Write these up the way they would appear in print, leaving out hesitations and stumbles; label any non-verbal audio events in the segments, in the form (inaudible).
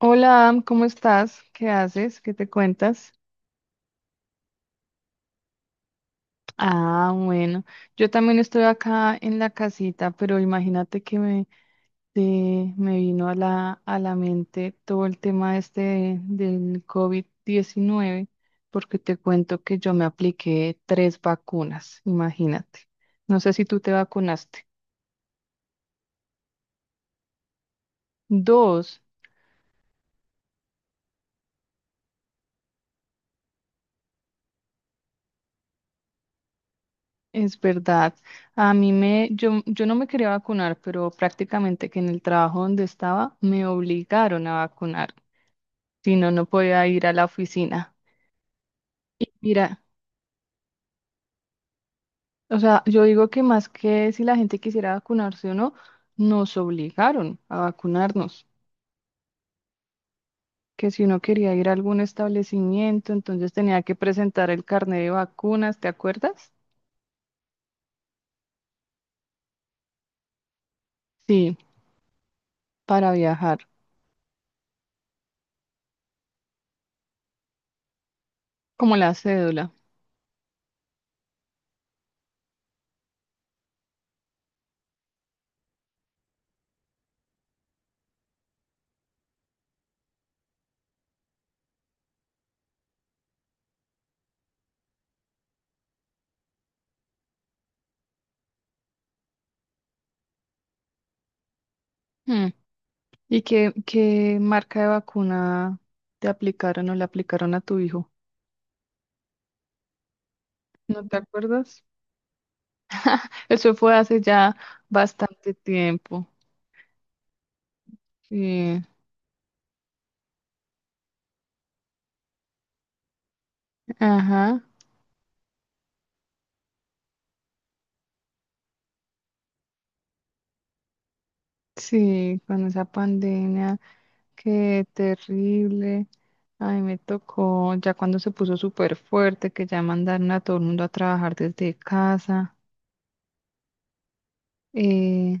Hola, Am, ¿cómo estás? ¿Qué haces? ¿Qué te cuentas? Ah, bueno, yo también estoy acá en la casita, pero imagínate que me vino a la mente todo el tema este del COVID-19, porque te cuento que yo me apliqué tres vacunas, imagínate. No sé si tú te vacunaste. Dos. Es verdad. A mí me, yo no me quería vacunar, pero prácticamente que en el trabajo donde estaba me obligaron a vacunar, si no, no podía ir a la oficina. Y mira, o sea, yo digo que más que si la gente quisiera vacunarse o no, nos obligaron a vacunarnos, que si uno quería ir a algún establecimiento, entonces tenía que presentar el carnet de vacunas, ¿te acuerdas? Sí, para viajar, como la cédula. Hmm. ¿Y qué marca de vacuna te aplicaron o le aplicaron a tu hijo? ¿No te acuerdas? Eso fue hace ya bastante tiempo. Sí, ajá. Sí, con esa pandemia, qué terrible. Ay, me tocó ya cuando se puso súper fuerte, que ya mandaron a todo el mundo a trabajar desde casa. Eh,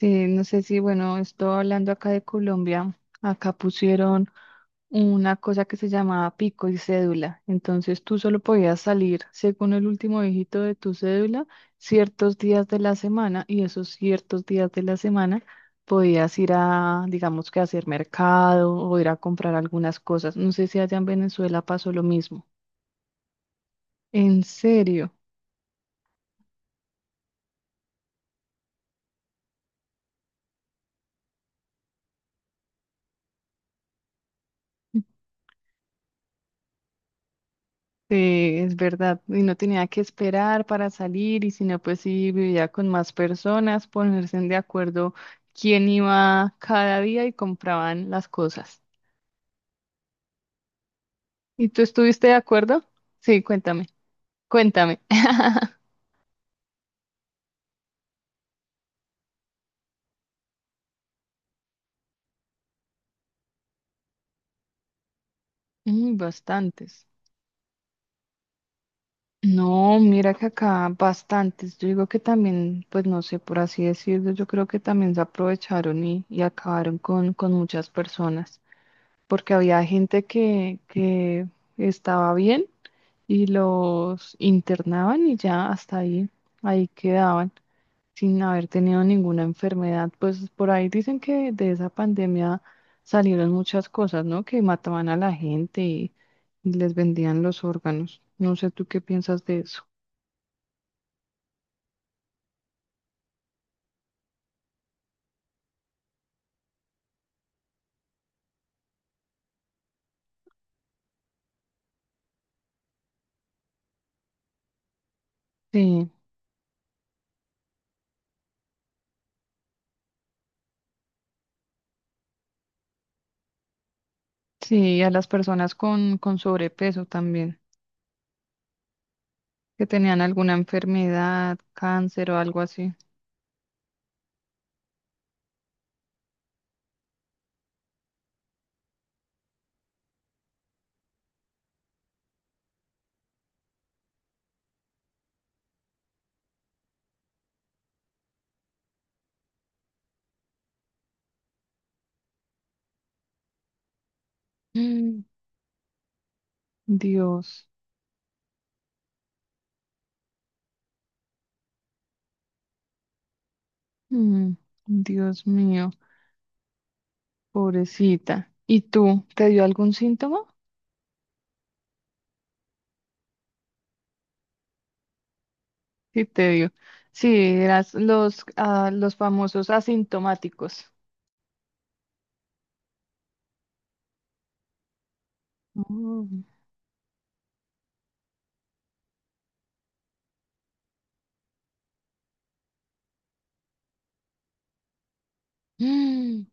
sí, no sé si, bueno, estoy hablando acá de Colombia. Acá pusieron una cosa que se llamaba pico y cédula. Entonces tú solo podías salir según el último dígito de tu cédula ciertos días de la semana y esos ciertos días de la semana podías ir a, digamos que a hacer mercado o ir a comprar algunas cosas. No sé si allá en Venezuela pasó lo mismo. En serio. Sí, es verdad. Y no tenía que esperar para salir, y si no, pues sí, vivía con más personas, ponerse de acuerdo quién iba cada día y compraban las cosas. ¿Y tú estuviste de acuerdo? Sí, cuéntame, cuéntame. (laughs) Mm, bastantes. No, mira que acá bastantes. Yo digo que también, pues no sé, por así decirlo, yo creo que también se aprovecharon y acabaron con muchas personas, porque había gente que estaba bien y los internaban y ya hasta ahí quedaban sin haber tenido ninguna enfermedad. Pues por ahí dicen que de esa pandemia salieron muchas cosas, ¿no? Que mataban a la gente y les vendían los órganos. No sé tú qué piensas de eso. Sí, sí, a las personas con sobrepeso también, que tenían alguna enfermedad, cáncer o algo así. Mm, Dios, mm, Dios mío. Pobrecita. ¿Y tú? ¿Te dio algún síntoma? Sí, te dio. Sí, eras los, ah, los famosos asintomáticos. Oh. Mm,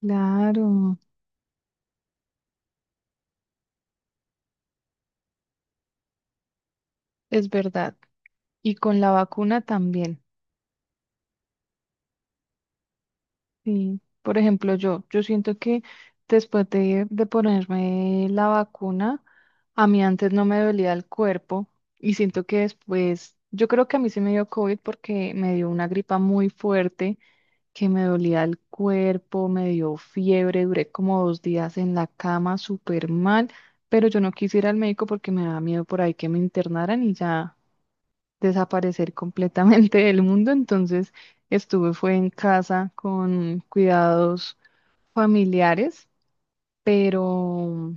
claro, es verdad. Y con la vacuna también. Sí. Por ejemplo, yo siento que después de ponerme la vacuna, a mí antes no me dolía el cuerpo y siento que después, yo creo que a mí sí me dio COVID porque me dio una gripa muy fuerte que me dolía el cuerpo, me dio fiebre, duré como dos días en la cama súper mal, pero yo no quise ir al médico porque me daba miedo por ahí que me internaran y ya desaparecer completamente (laughs) del mundo, entonces estuve fue en casa con cuidados familiares, pero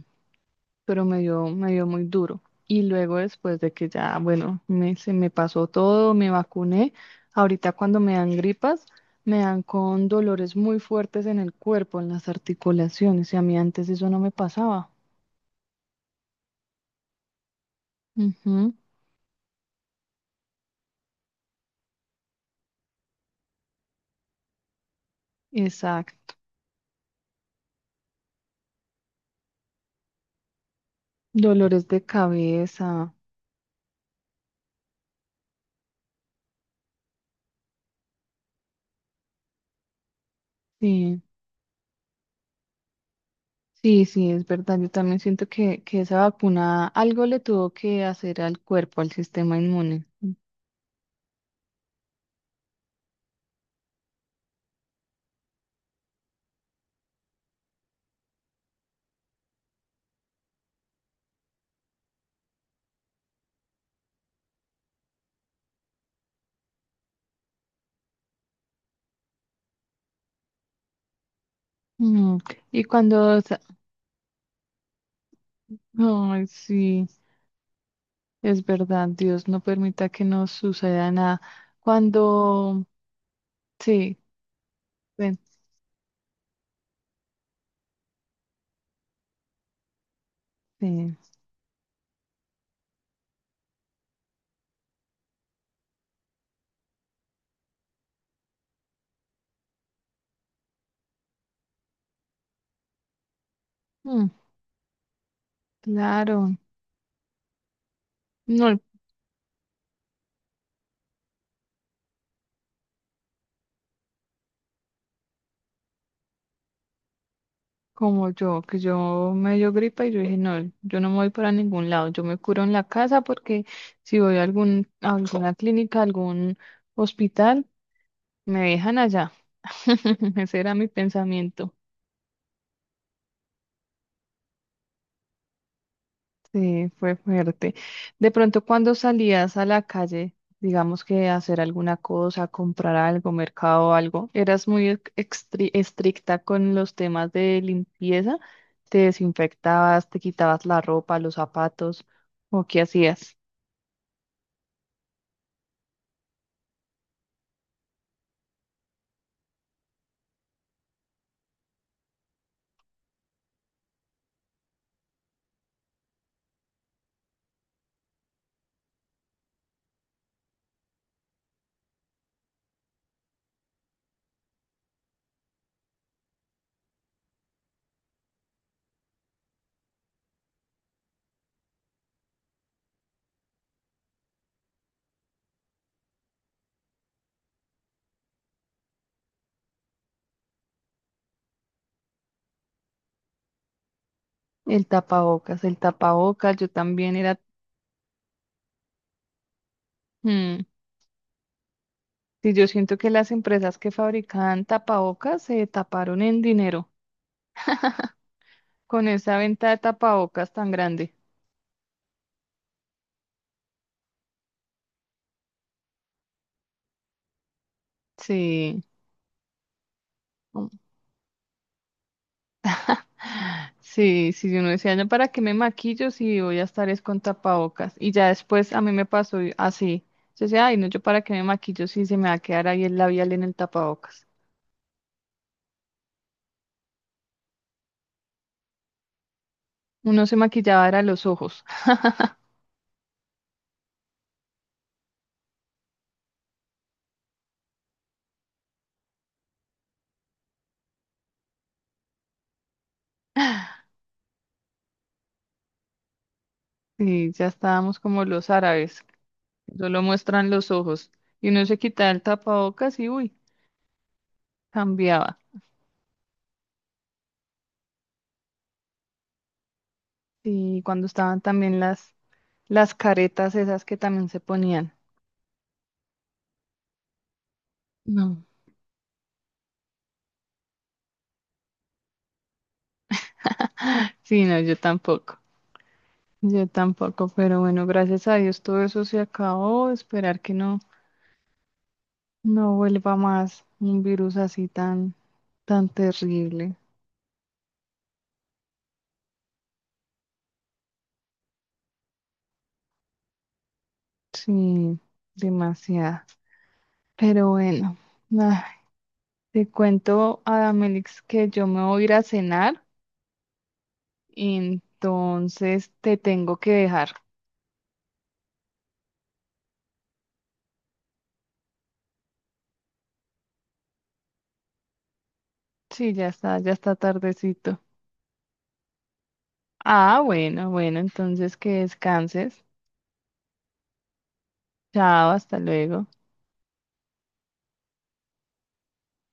pero me dio muy duro. Y luego después de que ya, bueno, se me pasó todo, me vacuné, ahorita cuando me dan gripas, me dan con dolores muy fuertes en el cuerpo, en las articulaciones, y a mí antes eso no me pasaba. Ujú, exacto. Dolores de cabeza, sí. Sí, sí, es verdad. Yo también siento que esa vacuna algo le tuvo que hacer al cuerpo, al sistema inmune. Mm, Y cuando, sa- Ay, sí. Es verdad, Dios no permita que nos suceda nada. Cuando, sí, ven, sí, mm, claro, no, como yo, que yo me dio gripa y yo dije, no, yo no me voy para ningún lado, yo me curo en la casa porque si voy a alguna clínica, a algún hospital, me dejan allá. (laughs) Ese era mi pensamiento. Sí, fue fuerte. De pronto cuando salías a la calle, digamos que a hacer alguna cosa, comprar algo, mercado o algo, ¿eras muy estricta con los temas de limpieza? ¿Te desinfectabas, te quitabas la ropa, los zapatos o qué hacías? El tapabocas, yo también era... mm, sí, yo siento que las empresas que fabricaban tapabocas se taparon en dinero con esa venta de tapabocas tan grande. Sí. Sí, sí, uno decía, "No, ¿para qué me maquillo si voy a estar es con tapabocas?" Y ya después a mí me pasó y- así. Yo decía, ay, no, yo para qué me maquillo si se me va a quedar ahí el labial en el tapabocas. Uno se maquillaba, era los ojos. Y ya estábamos como los árabes, solo muestran los ojos. Y uno se quitaba el tapabocas y uy, cambiaba. Y cuando estaban también las caretas esas que también se ponían. No. Sí, no, yo tampoco. Yo tampoco, pero bueno, gracias a Dios todo eso se acabó. Esperar que no vuelva más un virus así tan, tan terrible. Sí, demasiado. Pero bueno, ay, te cuento, Adamelix, que yo me voy a ir a cenar, entonces te tengo que dejar. Sí, ya está tardecito. Ah, bueno, bueno, entonces que descanses. Chao, hasta luego.